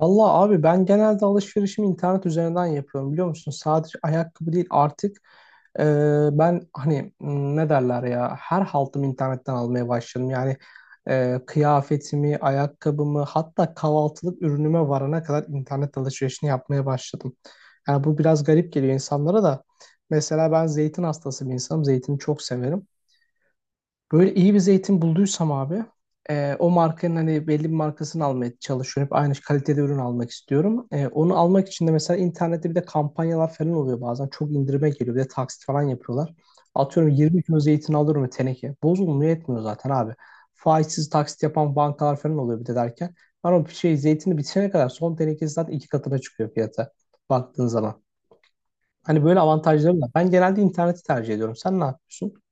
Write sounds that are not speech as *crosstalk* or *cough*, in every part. Valla abi ben genelde alışverişimi internet üzerinden yapıyorum biliyor musun? Sadece ayakkabı değil artık e, ben hani ne derler ya her haltımı internetten almaya başladım. Yani kıyafetimi, ayakkabımı hatta kahvaltılık ürünüme varana kadar internet alışverişini yapmaya başladım. Yani bu biraz garip geliyor insanlara da. Mesela ben zeytin hastası bir insanım. Zeytini çok severim. Böyle iyi bir zeytin bulduysam abi o markanın hani belli bir markasını almaya çalışıyorum. Hep aynı kalitede ürün almak istiyorum. Onu almak için de mesela internette bir de kampanyalar falan oluyor bazen. Çok indirime geliyor. Bir de taksit falan yapıyorlar. Atıyorum 20 kilo zeytin alıyorum teneke. Bozulmuyor etmiyor zaten abi. Faizsiz taksit yapan bankalar falan oluyor bir de derken. Ben o şey zeytini bitene kadar son tenekesi zaten iki katına çıkıyor fiyata baktığın zaman. Hani böyle avantajları var. Ben genelde interneti tercih ediyorum. Sen ne yapıyorsun?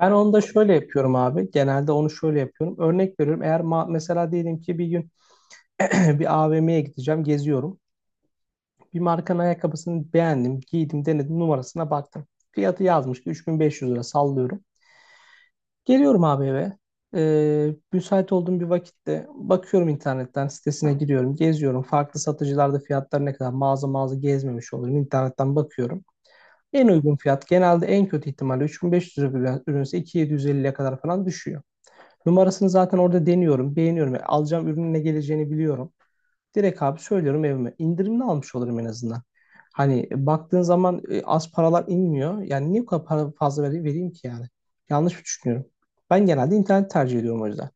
Ben onu da şöyle yapıyorum abi. Genelde onu şöyle yapıyorum. Örnek veriyorum. Eğer mesela diyelim ki bir gün *clears throat* bir AVM'ye gideceğim, geziyorum. Bir markanın ayakkabısını beğendim, giydim, denedim, numarasına baktım. Fiyatı yazmış ki 3.500 lira sallıyorum. Geliyorum abi eve. Müsait olduğum bir vakitte bakıyorum internetten sitesine giriyorum, geziyorum. Farklı satıcılarda fiyatlar ne kadar, mağaza mağaza gezmemiş olurum. İnternetten bakıyorum. En uygun fiyat genelde en kötü ihtimalle 3.500 lira bir ürünse 2.750'ye kadar falan düşüyor. Numarasını zaten orada deniyorum, beğeniyorum. Yani alacağım ürünün ne geleceğini biliyorum. Direkt abi söylüyorum evime. İndirimli almış olurum en azından. Hani baktığın zaman az paralar inmiyor. Yani niye bu kadar para fazla vereyim, vereyim ki yani? Yanlış mı düşünüyorum? Ben genelde internet tercih ediyorum o yüzden.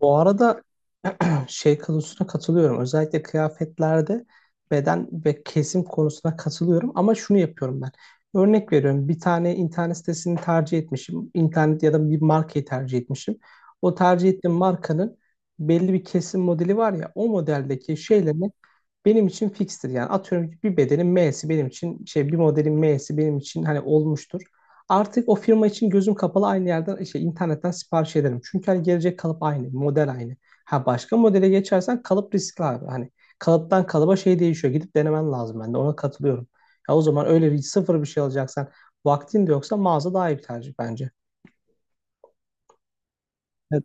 Bu arada *clears throat* şey konusuna katılıyorum. Özellikle kıyafetlerde beden ve kesim konusuna katılıyorum ama şunu yapıyorum ben. Örnek veriyorum. Bir tane internet sitesini tercih etmişim. İnternet ya da bir markayı tercih etmişim. O tercih ettiğim markanın belli bir kesim modeli var ya, o modeldeki şeyle benim için fixtir. Yani atıyorum ki bir bedenin M'si benim için, şey, bir modelin M'si benim için hani olmuştur. Artık o firma için gözüm kapalı aynı yerden şey internetten sipariş ederim. Çünkü hani gelecek kalıp aynı, model aynı. Ha, başka modele geçersen kalıp riskli abi. Hani kalıptan kalıba şey değişiyor. Gidip denemen lazım, ben de ona katılıyorum. Ya o zaman öyle bir sıfır bir şey alacaksan vaktin de yoksa mağaza daha iyi bir tercih bence. Evet.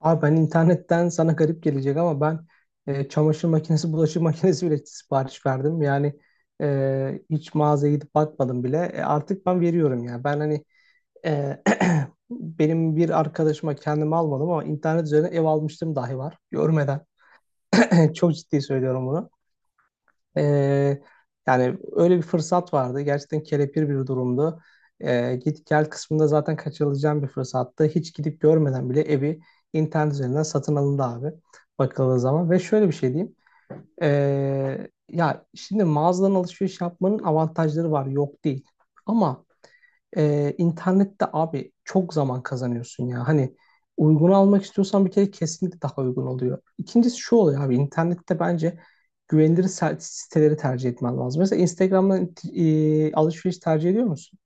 Abi ben internetten, sana garip gelecek ama, ben çamaşır makinesi, *laughs* bulaşık makinesi bile sipariş verdim. Yani hiç mağazaya gidip bakmadım bile. Artık ben veriyorum ya. Ben hani e, *clears throat* benim bir arkadaşıma kendimi almadım ama internet üzerine ev almıştım dahi var. Görmeden. *laughs* Çok ciddi söylüyorum bunu. Ee, yani öyle bir fırsat vardı. Gerçekten kelepir bir durumdu. Git gel kısmında zaten kaçırılacağım bir fırsattı. Hiç gidip görmeden bile evi internet üzerinden satın alındı abi. Bakıldığı zaman. Ve şöyle bir şey diyeyim. Ya şimdi mağazadan alışveriş yapmanın avantajları var. Yok değil. Ama internette abi çok zaman kazanıyorsun ya. Hani uygun almak istiyorsan bir kere kesinlikle daha uygun oluyor. İkincisi şu oluyor abi, internette bence güvenilir siteleri tercih etmen lazım. Mesela Instagram'dan alışveriş tercih ediyor musun?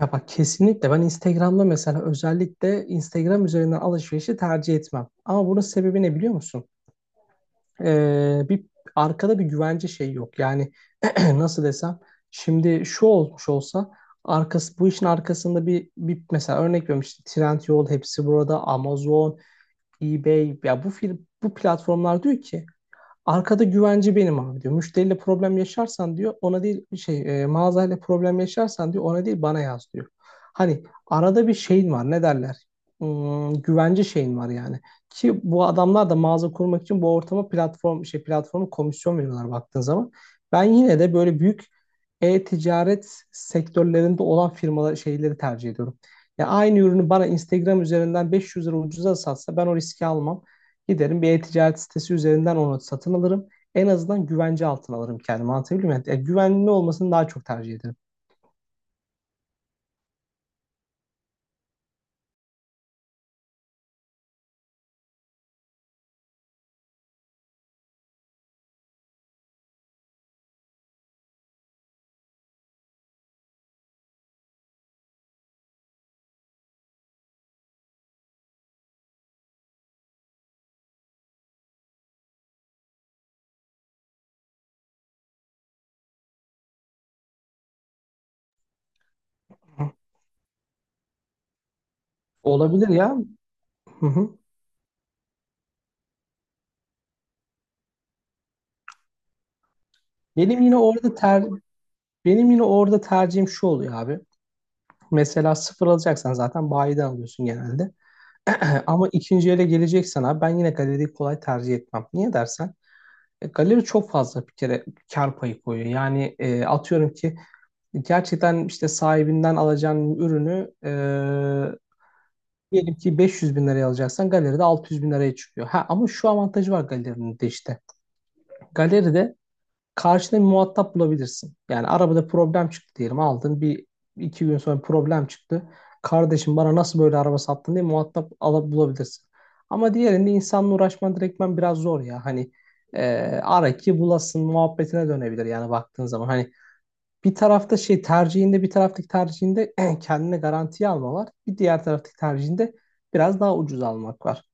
Ya bak, kesinlikle ben Instagram'da, mesela özellikle Instagram üzerinden, alışverişi tercih etmem. Ama bunun sebebi ne biliyor musun? Bir arkada bir güvence şey yok. Yani *clears throat* nasıl desem, şimdi şu olmuş olsa arkası, bu işin arkasında bir mesela, örnek veriyorum işte Trendyol, hepsi burada, Amazon, eBay ya, bu platformlar diyor ki arkada güvenci benim abi diyor. Müşteriyle problem yaşarsan diyor, ona değil şey mağazayla problem yaşarsan diyor, ona değil bana yaz diyor. Hani arada bir şeyin var, ne derler? Güvenci şeyin var yani. Ki bu adamlar da mağaza kurmak için bu ortama, platform şey platformu komisyon veriyorlar baktığın zaman. Ben yine de böyle büyük e-ticaret sektörlerinde olan firmalar, şeyleri tercih ediyorum. Ya aynı ürünü bana Instagram üzerinden 500 lira ucuza satsa ben o riski almam. Giderim bir e-ticaret sitesi üzerinden onu satın alırım. En azından güvence altına alırım kendimi. Anlatabiliyor muyum? Yani güvenli olmasını daha çok tercih ederim. Olabilir ya. Hı hı. Benim yine orada ter benim yine orada tercihim şu oluyor abi. Mesela sıfır alacaksan zaten bayiden alıyorsun genelde. *clears throat* Ama ikinci ele geleceksen abi, ben yine galeriyi kolay tercih etmem. Niye dersen galeri çok fazla bir kere kar payı koyuyor. Yani atıyorum ki, gerçekten işte sahibinden alacağın ürünü diyelim ki 500 bin liraya alacaksan, galeride 600 bin liraya çıkıyor. Ha, ama şu avantajı var galerinin de işte. Galeride karşında bir muhatap bulabilirsin. Yani arabada problem çıktı diyelim, aldın bir iki gün sonra problem çıktı. Kardeşim bana nasıl böyle araba sattın diye muhatap alıp bulabilirsin. Ama diğerinde insanla uğraşman direktmen biraz zor ya. Hani e, ara ki bulasın muhabbetine dönebilir yani baktığın zaman. Hani bir tarafta, şey tercihinde, bir taraftaki tercihinde *clears throat* kendine garantiye alma var. Bir diğer taraftaki tercihinde biraz daha ucuz almak var.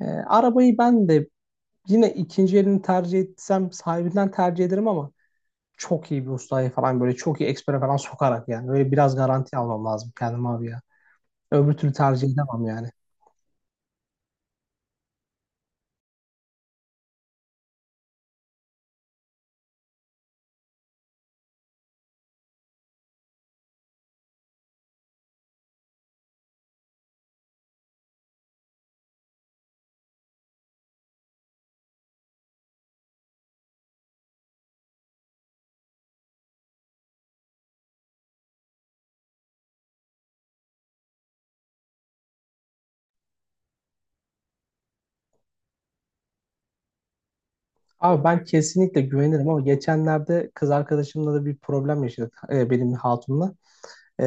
Arabayı ben de yine ikinci elini tercih etsem sahibinden tercih ederim ama çok iyi bir ustaya falan, böyle çok iyi ekspere falan sokarak yani. Böyle biraz garanti almam lazım kendime abi ya. Öbür türlü tercih edemem yani. Abi ben kesinlikle güvenirim ama geçenlerde kız arkadaşımla da bir problem yaşadık benim hatunla. E,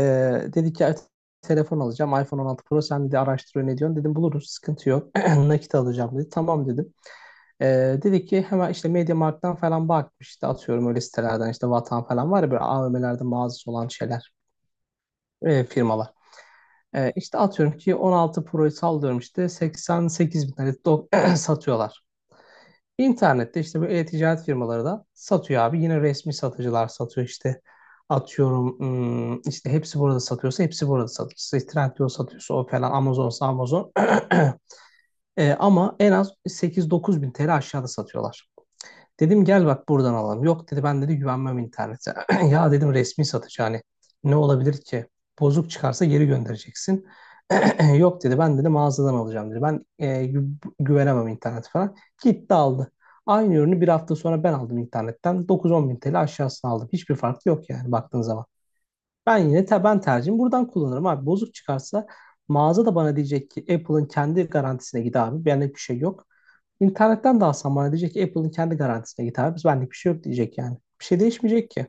dedi ki telefon alacağım, iPhone 16 Pro, sen de araştır, ne diyorsun? Dedim buluruz, sıkıntı yok. *clears throat* Nakit alacağım dedi. Tamam dedim. Dedi ki hemen işte MediaMarkt'tan falan bakmış, işte atıyorum öyle sitelerden, işte Vatan falan var ya, böyle AVM'lerde mağazası olan şeyler firmalar. İşte atıyorum ki 16 Pro'yu sallıyorum işte 88 bin tane *clears throat* satıyorlar. İnternette işte bu e-ticaret firmaları da satıyor abi. Yine resmi satıcılar satıyor işte. Atıyorum işte hepsi burada satıyorsa hepsi burada satıyor. İşte Trendyol satıyorsa o falan, Amazon'sa Amazon. *clears throat* Ama en az 8-9 bin TL aşağıda satıyorlar. Dedim gel bak buradan alalım. Yok dedi, ben dedi güvenmem internete. *clears throat* Ya dedim resmi satıcı, hani ne olabilir ki? Bozuk çıkarsa geri göndereceksin. *clears throat* Yok dedi, ben dedi mağazadan alacağım dedi. Ben güvenemem internet falan. Gitti aldı. Aynı ürünü bir hafta sonra ben aldım internetten. 9-10 bin TL aşağısına aldım. Hiçbir fark yok yani baktığın zaman. Ben yine te ben tercihim buradan kullanırım abi. Bozuk çıkarsa mağaza da bana diyecek ki Apple'ın kendi garantisine git abi. Benlik bir şey yok. İnternetten de alsam bana diyecek ki Apple'ın kendi garantisine git abi. Biz benlik bir şey yok diyecek yani. Bir şey değişmeyecek ki.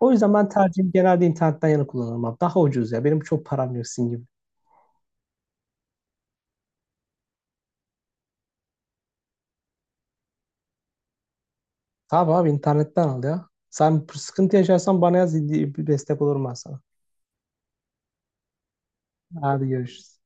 O yüzden ben tercihim genelde internetten yana kullanırım abi. Daha ucuz ya. Benim çok param yok sizin gibi. Tamam abi internetten al ya. Sen sıkıntı yaşarsan bana yaz. Bir destek olurum ben sana. Hadi görüşürüz.